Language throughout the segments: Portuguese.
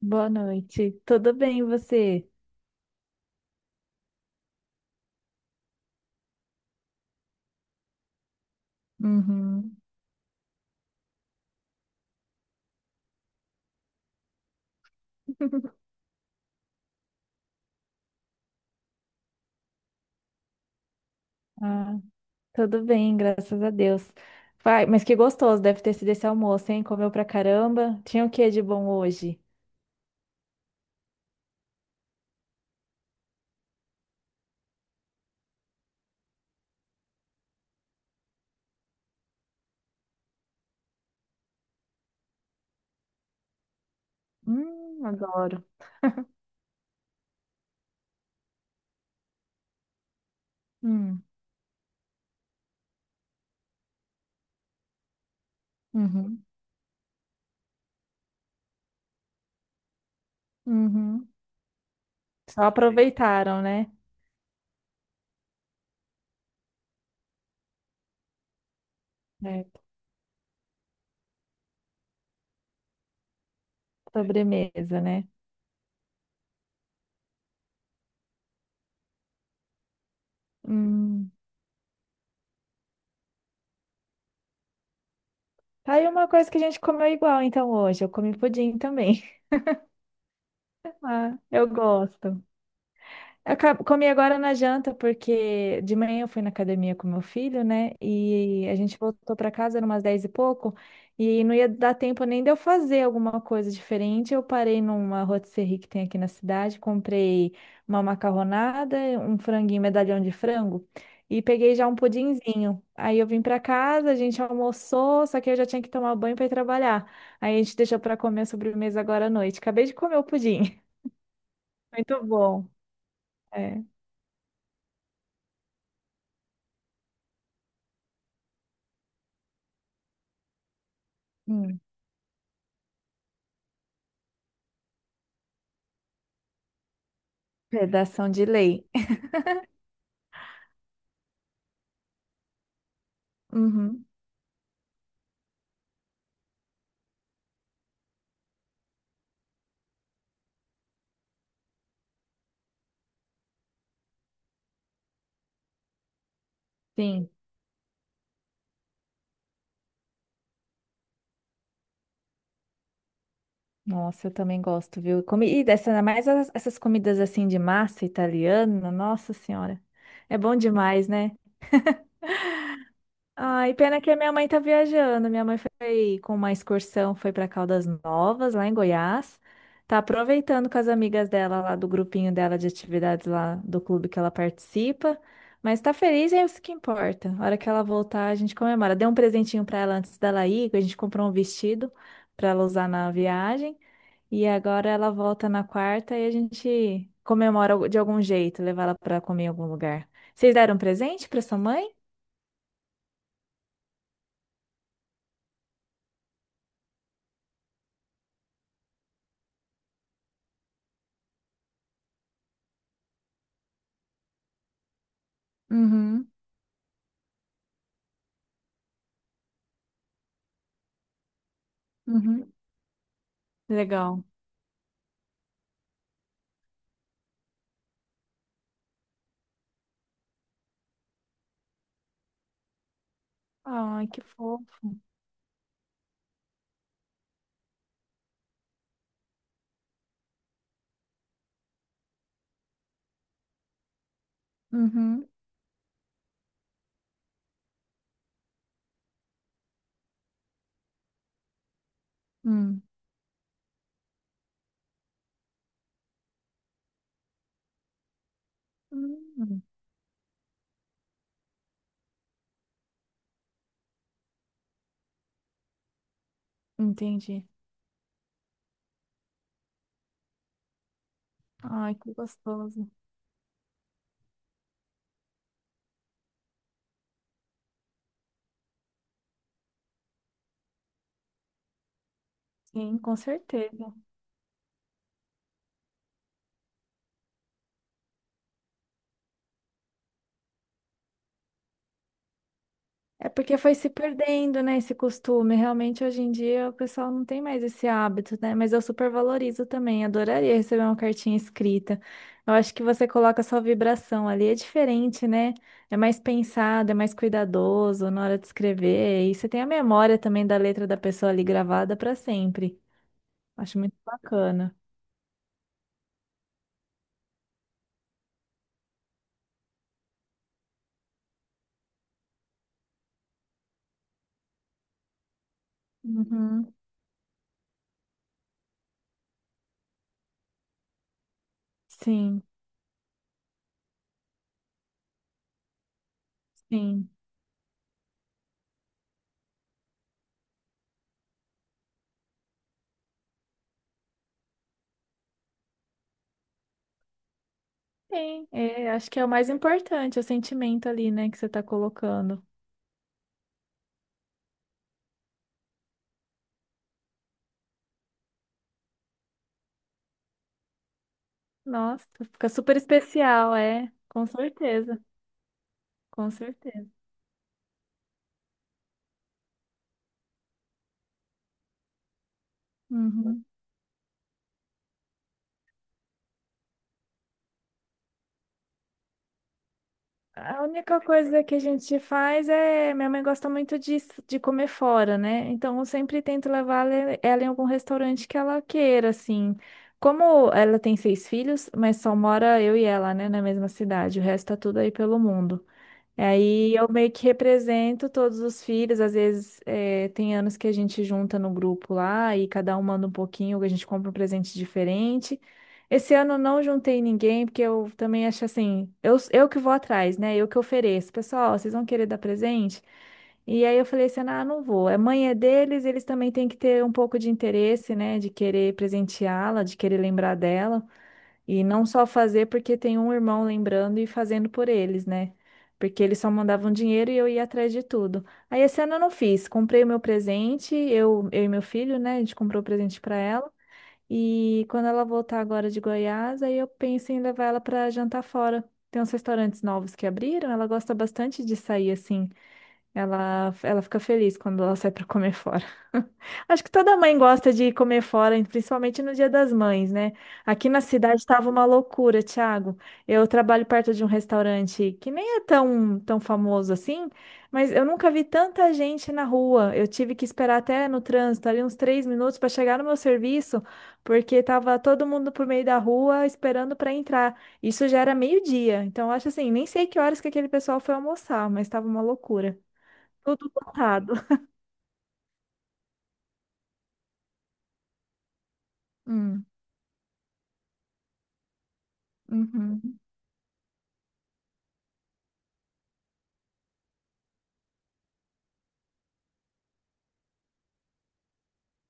Boa noite. Tudo bem, e você? Uhum. Ah, tudo bem, graças a Deus. Vai, mas que gostoso deve ter sido esse almoço, hein? Comeu pra caramba. Tinha o que de bom hoje? Adoro. Hum, uhum, uhum. Só aproveitaram, né? É. Sobremesa, né? Hum. Tá aí uma coisa que a gente comeu igual, então, hoje. Eu comi pudim também. Ah, eu gosto. Eu comi agora na janta, porque de manhã eu fui na academia com meu filho, né? E a gente voltou para casa, eram umas 10 e pouco, e não ia dar tempo nem de eu fazer alguma coisa diferente. Eu parei numa rotisserie que tem aqui na cidade, comprei uma macarronada, um franguinho, medalhão de frango, e peguei já um pudinzinho. Aí eu vim para casa, a gente almoçou, só que eu já tinha que tomar banho para ir trabalhar. Aí a gente deixou para comer a sobremesa agora à noite. Acabei de comer o pudim. Muito bom. É. Hum. Redação de lei. Uhum, sim. Nossa, eu também gosto, viu? Comida, essa, ainda mais essas comidas assim de massa italiana, nossa senhora. É bom demais, né? Ai, pena que a minha mãe tá viajando. Minha mãe foi com uma excursão, foi para Caldas Novas, lá em Goiás. Tá aproveitando com as amigas dela lá do grupinho dela de atividades lá do clube que ela participa. Mas tá feliz e é isso que importa. A hora que ela voltar, a gente comemora. Dei um presentinho para ela antes dela ir, que a gente comprou um vestido para ela usar na viagem. E agora ela volta na quarta e a gente comemora de algum jeito, levar ela para comer em algum lugar. Vocês deram presente para sua mãe? Uhum, uhum. Legal. Ai, que fofo. Uhum. Hum. Hum. Entendi. Ai, que gostoso. Sim, com certeza. É porque foi se perdendo, né, esse costume. Realmente, hoje em dia, o pessoal não tem mais esse hábito, né? Mas eu super valorizo também. Adoraria receber uma cartinha escrita. Eu acho que você coloca a sua vibração ali, é diferente, né? É mais pensado, é mais cuidadoso na hora de escrever. E você tem a memória também da letra da pessoa ali gravada para sempre. Acho muito bacana. Uhum. Sim, sim. Sim, é, acho que é o mais importante, é o sentimento ali, né, que você tá colocando. Nossa, fica super especial, é, com certeza, com certeza. Uhum. A única coisa que a gente faz é, minha mãe gosta muito de comer fora, né? Então eu sempre tento levar ela em algum restaurante que ela queira, assim. Como ela tem seis filhos, mas só mora eu e ela, né, na mesma cidade, o resto tá tudo aí pelo mundo. E aí eu meio que represento todos os filhos. Às vezes tem anos que a gente junta no grupo lá e cada um manda um pouquinho, a gente compra um presente diferente. Esse ano eu não juntei ninguém, porque eu também acho assim, eu que vou atrás, né? Eu que ofereço. Pessoal, vocês vão querer dar presente? E aí eu falei assim, ah, não vou. A mãe é deles, eles também têm que ter um pouco de interesse, né? De querer presenteá-la, de querer lembrar dela. E não só fazer porque tem um irmão lembrando e fazendo por eles, né? Porque eles só mandavam dinheiro e eu ia atrás de tudo. Aí esse ano eu não fiz. Comprei o meu presente, eu e meu filho, né? A gente comprou o presente para ela. E quando ela voltar agora de Goiás, aí eu penso em levar ela para jantar fora. Tem uns restaurantes novos que abriram, ela gosta bastante de sair assim. Ela fica feliz quando ela sai para comer fora. Acho que toda mãe gosta de comer fora, principalmente no Dia das Mães, né? Aqui na cidade estava uma loucura, Thiago. Eu trabalho perto de um restaurante que nem é tão, tão famoso assim, mas eu nunca vi tanta gente na rua. Eu tive que esperar até no trânsito, ali uns 3 minutos para chegar no meu serviço, porque tava todo mundo por meio da rua esperando para entrar. Isso já era meio-dia. Então, eu acho assim, nem sei que horas que aquele pessoal foi almoçar, mas estava uma loucura. Tudo lotado. Hum, uhum,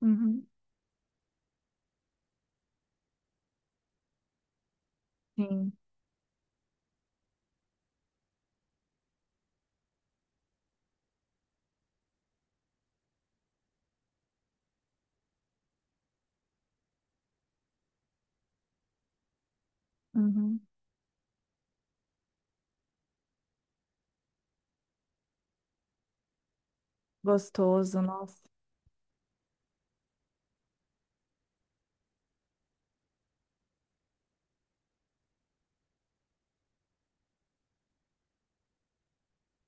uhum, sim, uhum. Gostoso, nossa.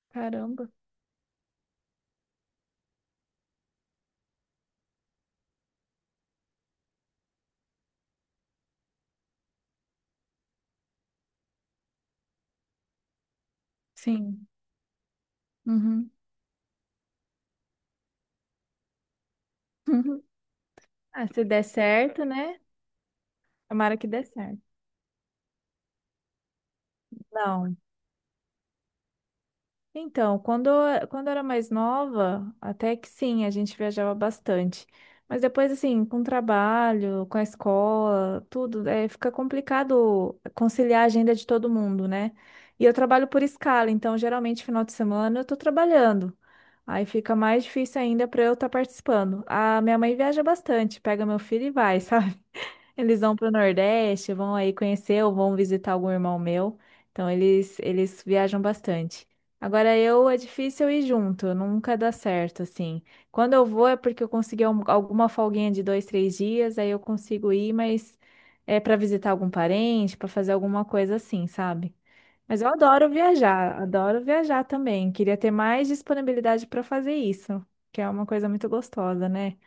Caramba. Sim. Uhum. Ah, se der certo, né? Tomara que dê certo. Não. Então, quando, quando eu era mais nova, até que sim, a gente viajava bastante. Mas depois, assim, com o trabalho, com a escola, tudo, é, fica complicado conciliar a agenda de todo mundo, né? E eu trabalho por escala, então geralmente final de semana eu tô trabalhando. Aí fica mais difícil ainda para eu estar participando. A minha mãe viaja bastante, pega meu filho e vai, sabe? Eles vão para o Nordeste, vão aí conhecer ou vão visitar algum irmão meu. Então eles viajam bastante. Agora eu é difícil eu ir junto, nunca dá certo assim. Quando eu vou é porque eu consegui alguma folguinha de 2, 3 dias, aí eu consigo ir, mas é para visitar algum parente, para fazer alguma coisa assim, sabe? Mas eu adoro viajar também. Queria ter mais disponibilidade para fazer isso, que é uma coisa muito gostosa, né?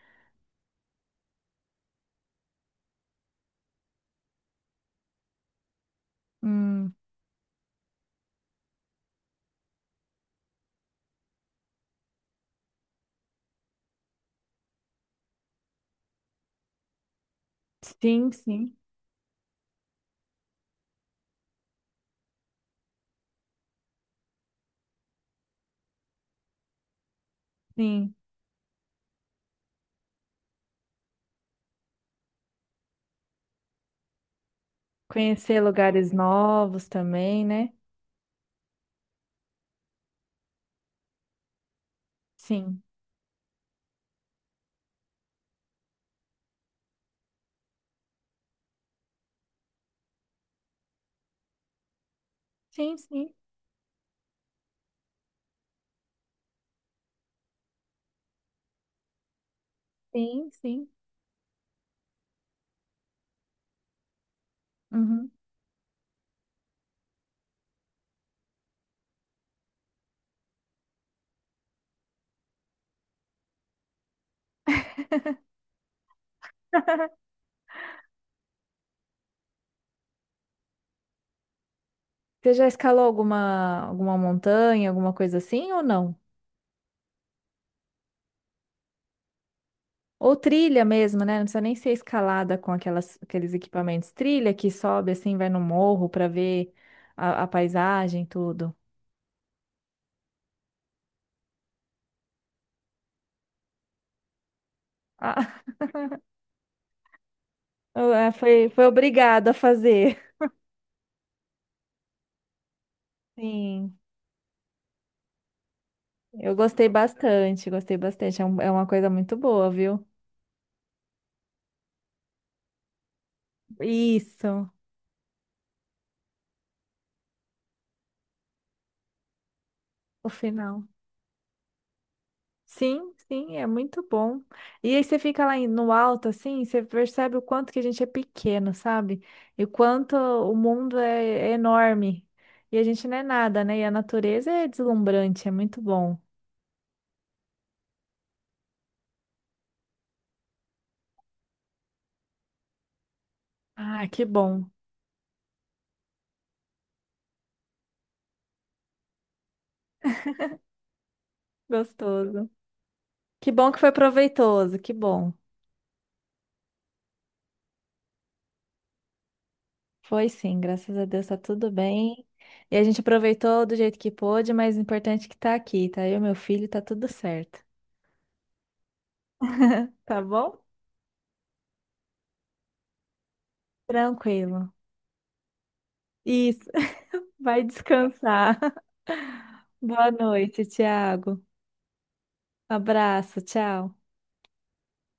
Hum, sim, sim, sim. Conhecer lugares novos também, né? Sim. Sim, sim, sim, sim. Uhum. Você já escalou alguma, alguma montanha, alguma coisa assim ou não? Ou trilha mesmo, né? Não precisa nem ser escalada com aquelas, aqueles equipamentos. Trilha que sobe assim, vai no morro para ver a paisagem, tudo. Ah, é, foi, foi obrigado a fazer. Sim, eu gostei bastante, gostei bastante. É, um- é uma coisa muito boa, viu? Isso, o final. Sim, sim, é muito bom. E aí você fica lá no alto, assim, você percebe o quanto que a gente é pequeno, sabe? E o quanto o mundo é, é enorme. E a gente não é nada, né? E a natureza é deslumbrante, é muito bom. Ah, que bom. Gostoso. Que bom que foi proveitoso, que bom. Foi sim, graças a Deus tá tudo bem. E a gente aproveitou do jeito que pôde, mas o importante é que tá aqui, tá? Eu, meu filho, tá tudo certo. Tá bom? Tranquilo. Isso. Vai descansar. Boa noite, Tiago. Abraço, tchau.